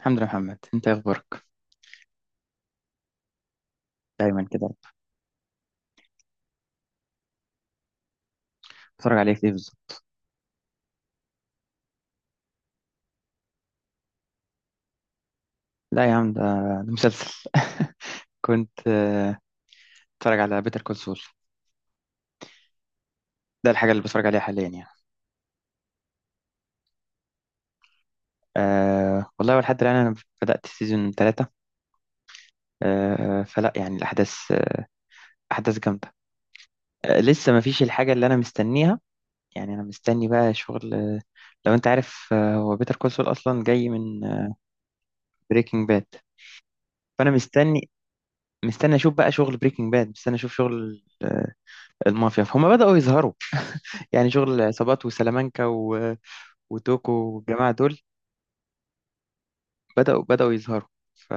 الحمد لله يا محمد، انت ايه اخبارك؟ دايما كده. بتتفرج عليك ايه بالظبط؟ لا يا عم، ده مسلسل. كنت بتفرج على بيتر كول سول. ده الحاجه اللي بتفرج عليها حاليا يعني. أه والله لحد الان انا بدات سيزون 3. أه، فلا يعني الاحداث، احداث جامده. أه، لسه ما فيش الحاجه اللي انا مستنيها. يعني انا مستني بقى شغل، لو انت عارف، هو بيتر كول سول اصلا جاي من بريكنج باد. فانا مستني اشوف بقى شغل بريكنج باد، مستني اشوف شغل، المافيا فهم بداوا يظهروا. يعني شغل العصابات وسلامانكا وتوكو والجماعة دول. بدأوا يظهروا. ف-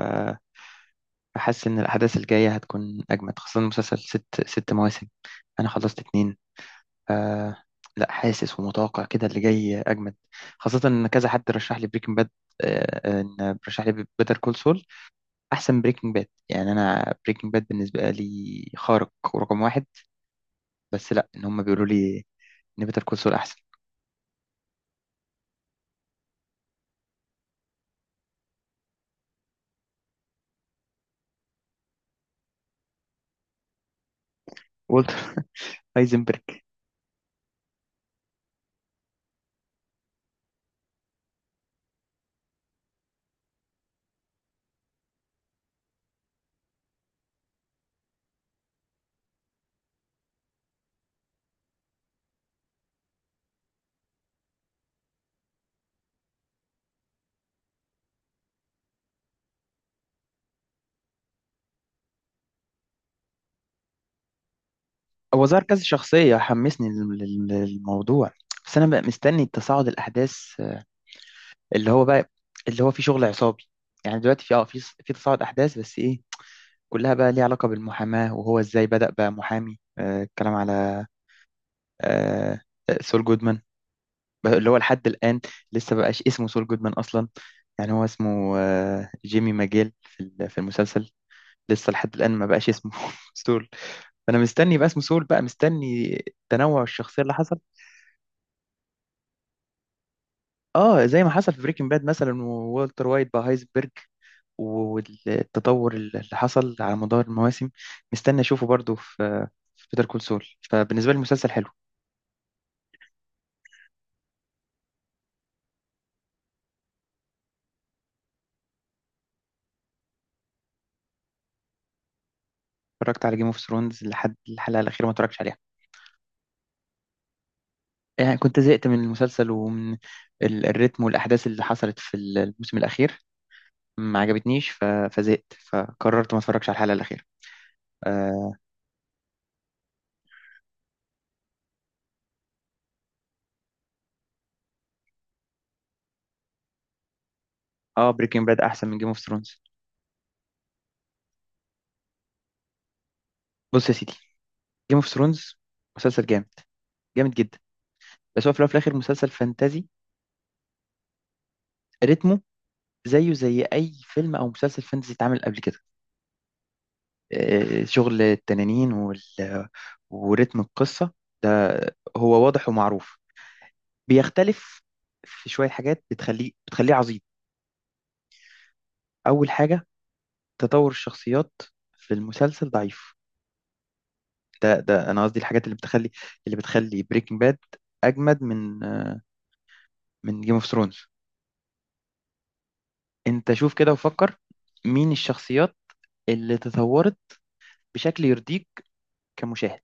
فحاسس إن الأحداث الجاية هتكون أجمد، خاصة المسلسل ست مواسم. أنا خلصت اتنين. ف... لا، حاسس ومتوقع كده اللي جاي أجمد، خاصة إن كذا حد رشح لي بريكنج باد، إن رشح لي بيتر كول سول أحسن بريكنج باد. يعني أنا بريكنج باد بالنسبة لي خارق ورقم واحد. بس لا، إن هم بيقولوا لي إن بيتر كول سول أحسن. قلت هايزنبرج. هو ظهر كذا شخصية حمسني للموضوع. بس أنا بقى مستني تصاعد الأحداث، اللي هو بقى، اللي هو في شغل عصابي. يعني دلوقتي في اه في تصاعد أحداث، بس إيه؟ كلها بقى ليها علاقة بالمحاماة، وهو إزاي بدأ بقى محامي. الكلام على، آه، سول جودمان، بقى اللي هو لحد الآن لسه بقاش اسمه سول جودمان أصلا. يعني هو اسمه، جيمي ماجيل، في المسلسل. لسه لحد الآن ما بقاش اسمه سول. فأنا مستني بقى اسمه سول، بقى مستني تنوع الشخصية اللي حصل. اه زي ما حصل في بريكنج باد مثلا، وولتر وايت بقى هايزبرج، والتطور اللي حصل على مدار المواسم. مستني اشوفه برضو في، بيتر كول سول. فبالنسبه لي المسلسل حلو. اتفرجت على جيم اوف ثرونز لحد الحلقه الاخيره، ما اتفرجتش عليها. يعني كنت زهقت من المسلسل ومن الريتم والاحداث اللي حصلت في الموسم الاخير. ما عجبتنيش. فزهقت، فقررت ما اتفرجش على الحلقه الاخيره. اه، آه بريكنج باد احسن من جيم اوف ثرونز. بص يا سيدي، جيم اوف ثرونز مسلسل جامد، جامد جدا، بس هو في الأول وفي الاخر مسلسل فانتازي. رتمه زيه زي اي فيلم او مسلسل فانتزي اتعمل قبل كده. شغل التنانين ورتم القصه ده هو واضح ومعروف. بيختلف في شويه حاجات بتخليه عظيم. اول حاجه، تطور الشخصيات في المسلسل ضعيف. ده انا قصدي الحاجات اللي بتخلي، اللي بتخلي بريكنج باد اجمد من، من جيم اوف ثرونز. انت شوف كده وفكر، مين الشخصيات اللي تطورت بشكل يرضيك كمشاهد؟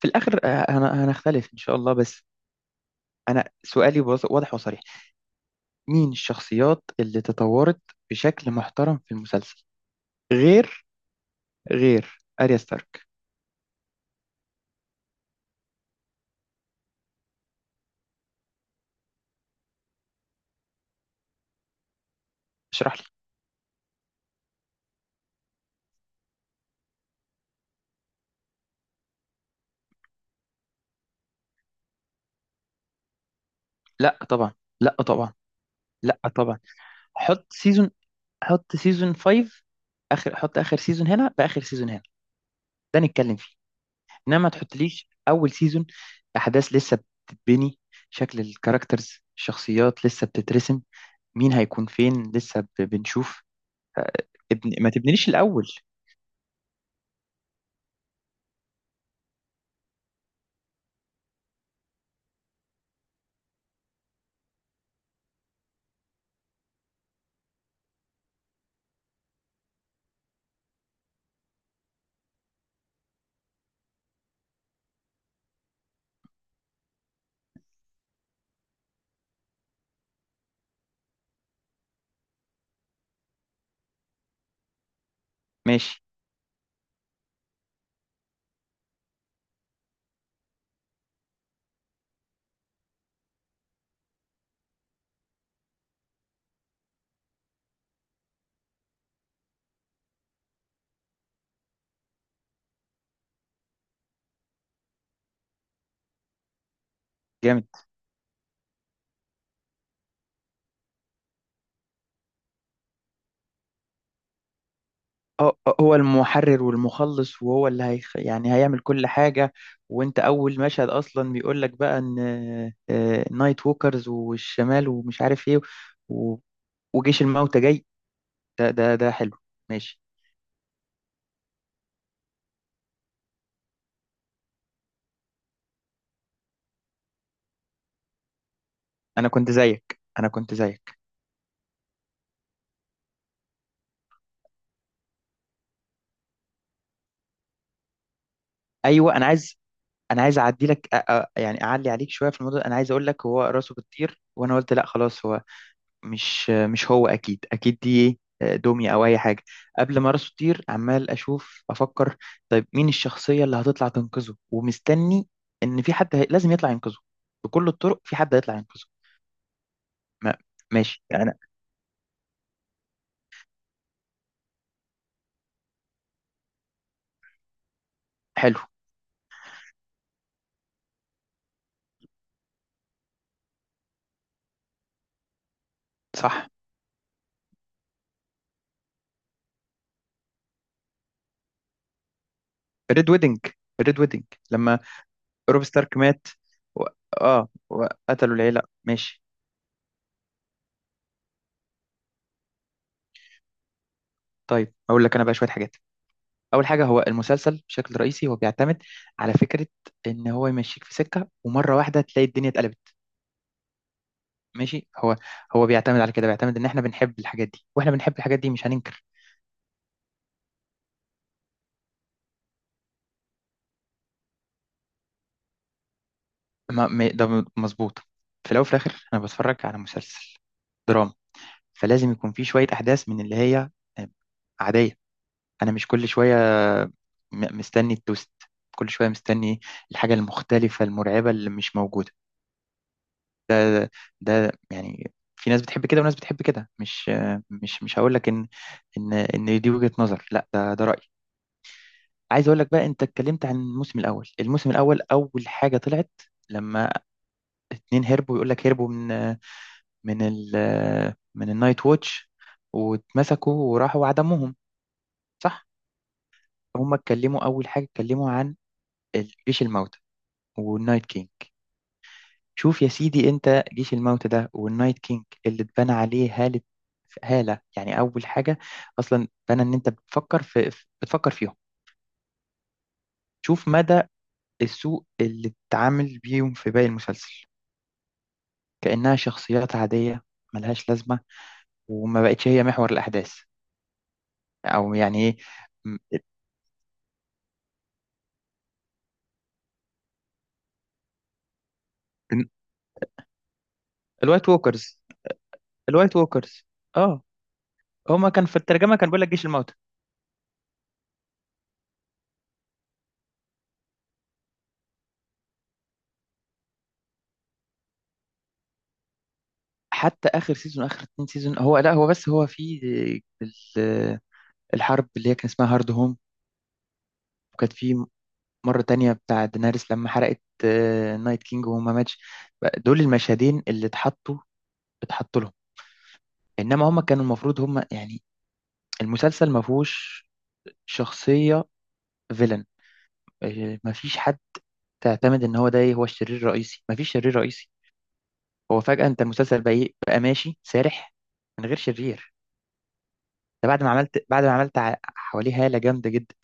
في الآخر، هنختلف إن شاء الله، بس أنا سؤالي واضح وصريح. مين الشخصيات اللي تطورت بشكل محترم في المسلسل، غير غير أريا ستارك؟ اشرح لي. لا طبعا، لا طبعا، لا طبعا. حط سيزون حط سيزون 5. آخر، آخر سيزون هنا بآخر سيزون هنا، ده نتكلم فيه. إنما ما تحطليش أول سيزون. أحداث لسه بتتبني، شكل الكاركترز الشخصيات لسه بتترسم، مين هيكون فين لسه بنشوف. ابن ما تبنيليش الاول. ماشي. جامد. اه، هو المحرر والمخلص، وهو اللي يعني هيعمل كل حاجة. وانت اول مشهد اصلا بيقول لك بقى ان، نايت ووكرز والشمال ومش عارف ايه، و... وجيش الموتى جاي. ده حلو. ماشي. انا كنت زيك. ايوه، انا عايز اعدي لك، يعني اعلي عليك شوية في الموضوع ده. انا عايز اقول لك هو راسه بتطير، وانا قلت لا خلاص هو مش هو، اكيد اكيد دي ايه، دمية او اي حاجه. قبل ما راسه تطير عمال اشوف افكر، طيب مين الشخصيه اللي هتطلع تنقذه، ومستني ان في حد لازم يطلع ينقذه بكل الطرق، في حد هيطلع ينقذه. ما... ماشي يعني. حلو. صح. ريد ويدنج ريد ويدنج. لما روب ستارك مات و... اه، وقتلوا العيله. ماشي. طيب اقول لك انا بقى شويه حاجات. اول حاجه، هو المسلسل بشكل رئيسي هو بيعتمد على فكره، ان هو يمشيك في سكه، ومره واحده تلاقي الدنيا اتقلبت. ماشي. هو بيعتمد على كده، بيعتمد ان احنا بنحب الحاجات دي، واحنا بنحب الحاجات دي مش هننكر. ده مظبوط. في الاول وفي الاخر انا بتفرج على مسلسل، فلازم يكون في شويه احداث من اللي هي، آه، عاديه. انا مش كل شويه، مستني التوست، كل شويه مستني الحاجه المختلفه المرعبه اللي مش موجوده. ده، ده يعني في ناس بتحب كده وناس بتحب كده، مش هقول لك ان، ان دي وجهه نظر، لا ده رايي. عايز اقول لك بقى، انت اتكلمت عن الموسم الاول. الموسم الاول اول حاجه طلعت، لما اتنين هربوا، يقول لك هربوا من، من ال من النايت ووتش، واتمسكوا وراحوا عدموهم. صح. هم اتكلموا اول حاجه، اتكلموا عن جيش الموتى والنايت كينج. شوف يا سيدي، انت جيش الموتى ده والنايت كينج، اللي اتبنى عليه هاله، هاله يعني، اول حاجه اصلا اتبنى ان انت بتفكر في، بتفكر فيهم. شوف مدى السوء اللي اتعامل بيهم في باقي المسلسل، كأنها شخصيات عادية ملهاش لازمة، وما بقتش هي محور الأحداث، أو يعني إيه. م- م- الوايت ووكرز، الوايت ووكرز اه، هما كان في الترجمة كان بيقول لك جيش الموتى. حتى آخر سيزون، آخر اتنين سيزون، هو لا هو بس هو في ال- الحرب اللي هي كان اسمها هارد هوم، وكانت في مرة تانية بتاع دينارس لما حرقت، نايت كينج وهما ماتش. دول المشهدين اللي اتحطوا، اتحطوا لهم. إنما هما كانوا المفروض هما يعني، المسلسل ما فيهوش شخصية فيلن. مفيش حد اعتمد ان هو ده ايه، هو الشرير الرئيسي. مفيش شرير رئيسي. هو فجأة انت المسلسل بقى ايه، بقى ماشي سارح من غير شرير. ده بعد ما عملت، حواليه هالة جامدة جدا،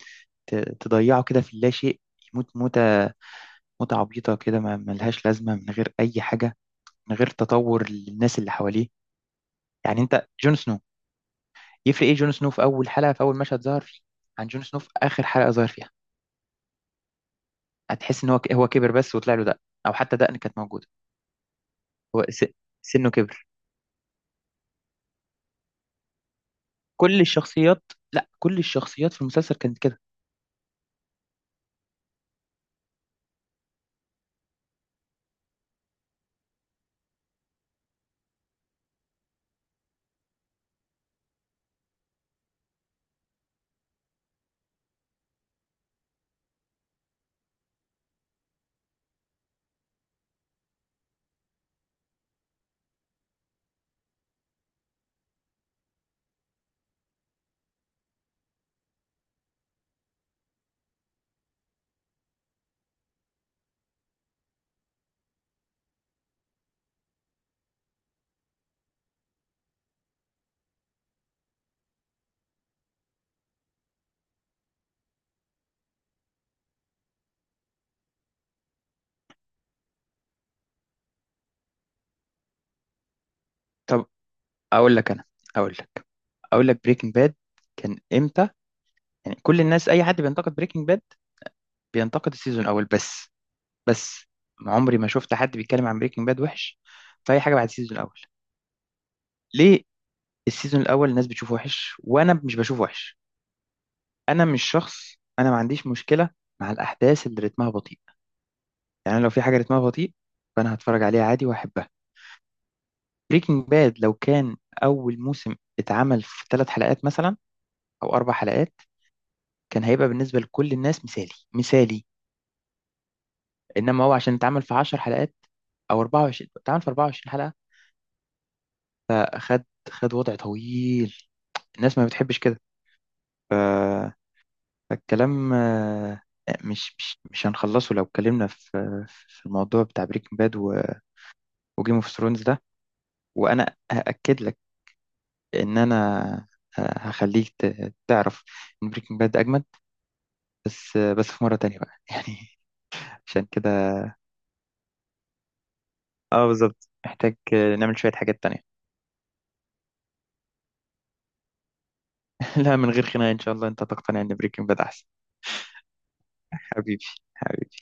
ت- تضيعه كده في اللا شيء، يموت موتة، موتة عبيطة كده ما ملهاش لازمة، من غير أي حاجة، من غير تطور للناس اللي حواليه. يعني انت جون سنو، يفرق ايه جون سنو في أول حلقة في أول مشهد ظهر فيه عن جون سنو في آخر حلقة ظهر فيها؟ هتحس ان هو هو كبر بس وطلع له دقن، أو حتى دقن كانت موجودة. هو س- سنه كبر. كل الشخصيات، لا كل الشخصيات في المسلسل كانت كده. طب اقول لك انا، اقول لك اقول لك بريكنج باد كان امتى؟ يعني كل الناس، اي حد بينتقد بريكنج باد بينتقد السيزون الاول بس. بس ما عمري ما شفت حد بيتكلم عن بريكنج باد وحش في اي حاجه بعد السيزون الاول. ليه؟ السيزون الاول الناس بتشوفه وحش، وانا مش بشوفه وحش. انا مش شخص، انا ما عنديش مشكله مع الاحداث اللي رتمها بطيء. يعني لو في حاجه رتمها بطيء، فانا هتفرج عليها عادي واحبها. بريكنج باد لو كان أول موسم اتعمل في 3 حلقات مثلا، أو 4 حلقات، كان هيبقى بالنسبة لكل الناس مثالي، مثالي. إنما هو عشان اتعمل في 10 حلقات، أو 24، اتعمل في 24 حلقة، آه، خد خد وضع طويل. الناس ما بتحبش كده. ف- فالكلام، مش هنخلصه لو اتكلمنا في، الموضوع بتاع بريكنج باد وجيم اوف ثرونز ده. وأنا هأكد لك إن أنا، هخليك تعرف إن بريكنج باد أجمل. بس بس في مرة تانية بقى يعني، عشان كده. اه بالظبط، محتاج نعمل شوية حاجات تانية. لا من غير خناقة إن شاء الله، أنت تقتنع إن بريكنج باد أحسن. حبيبي. حبيبي.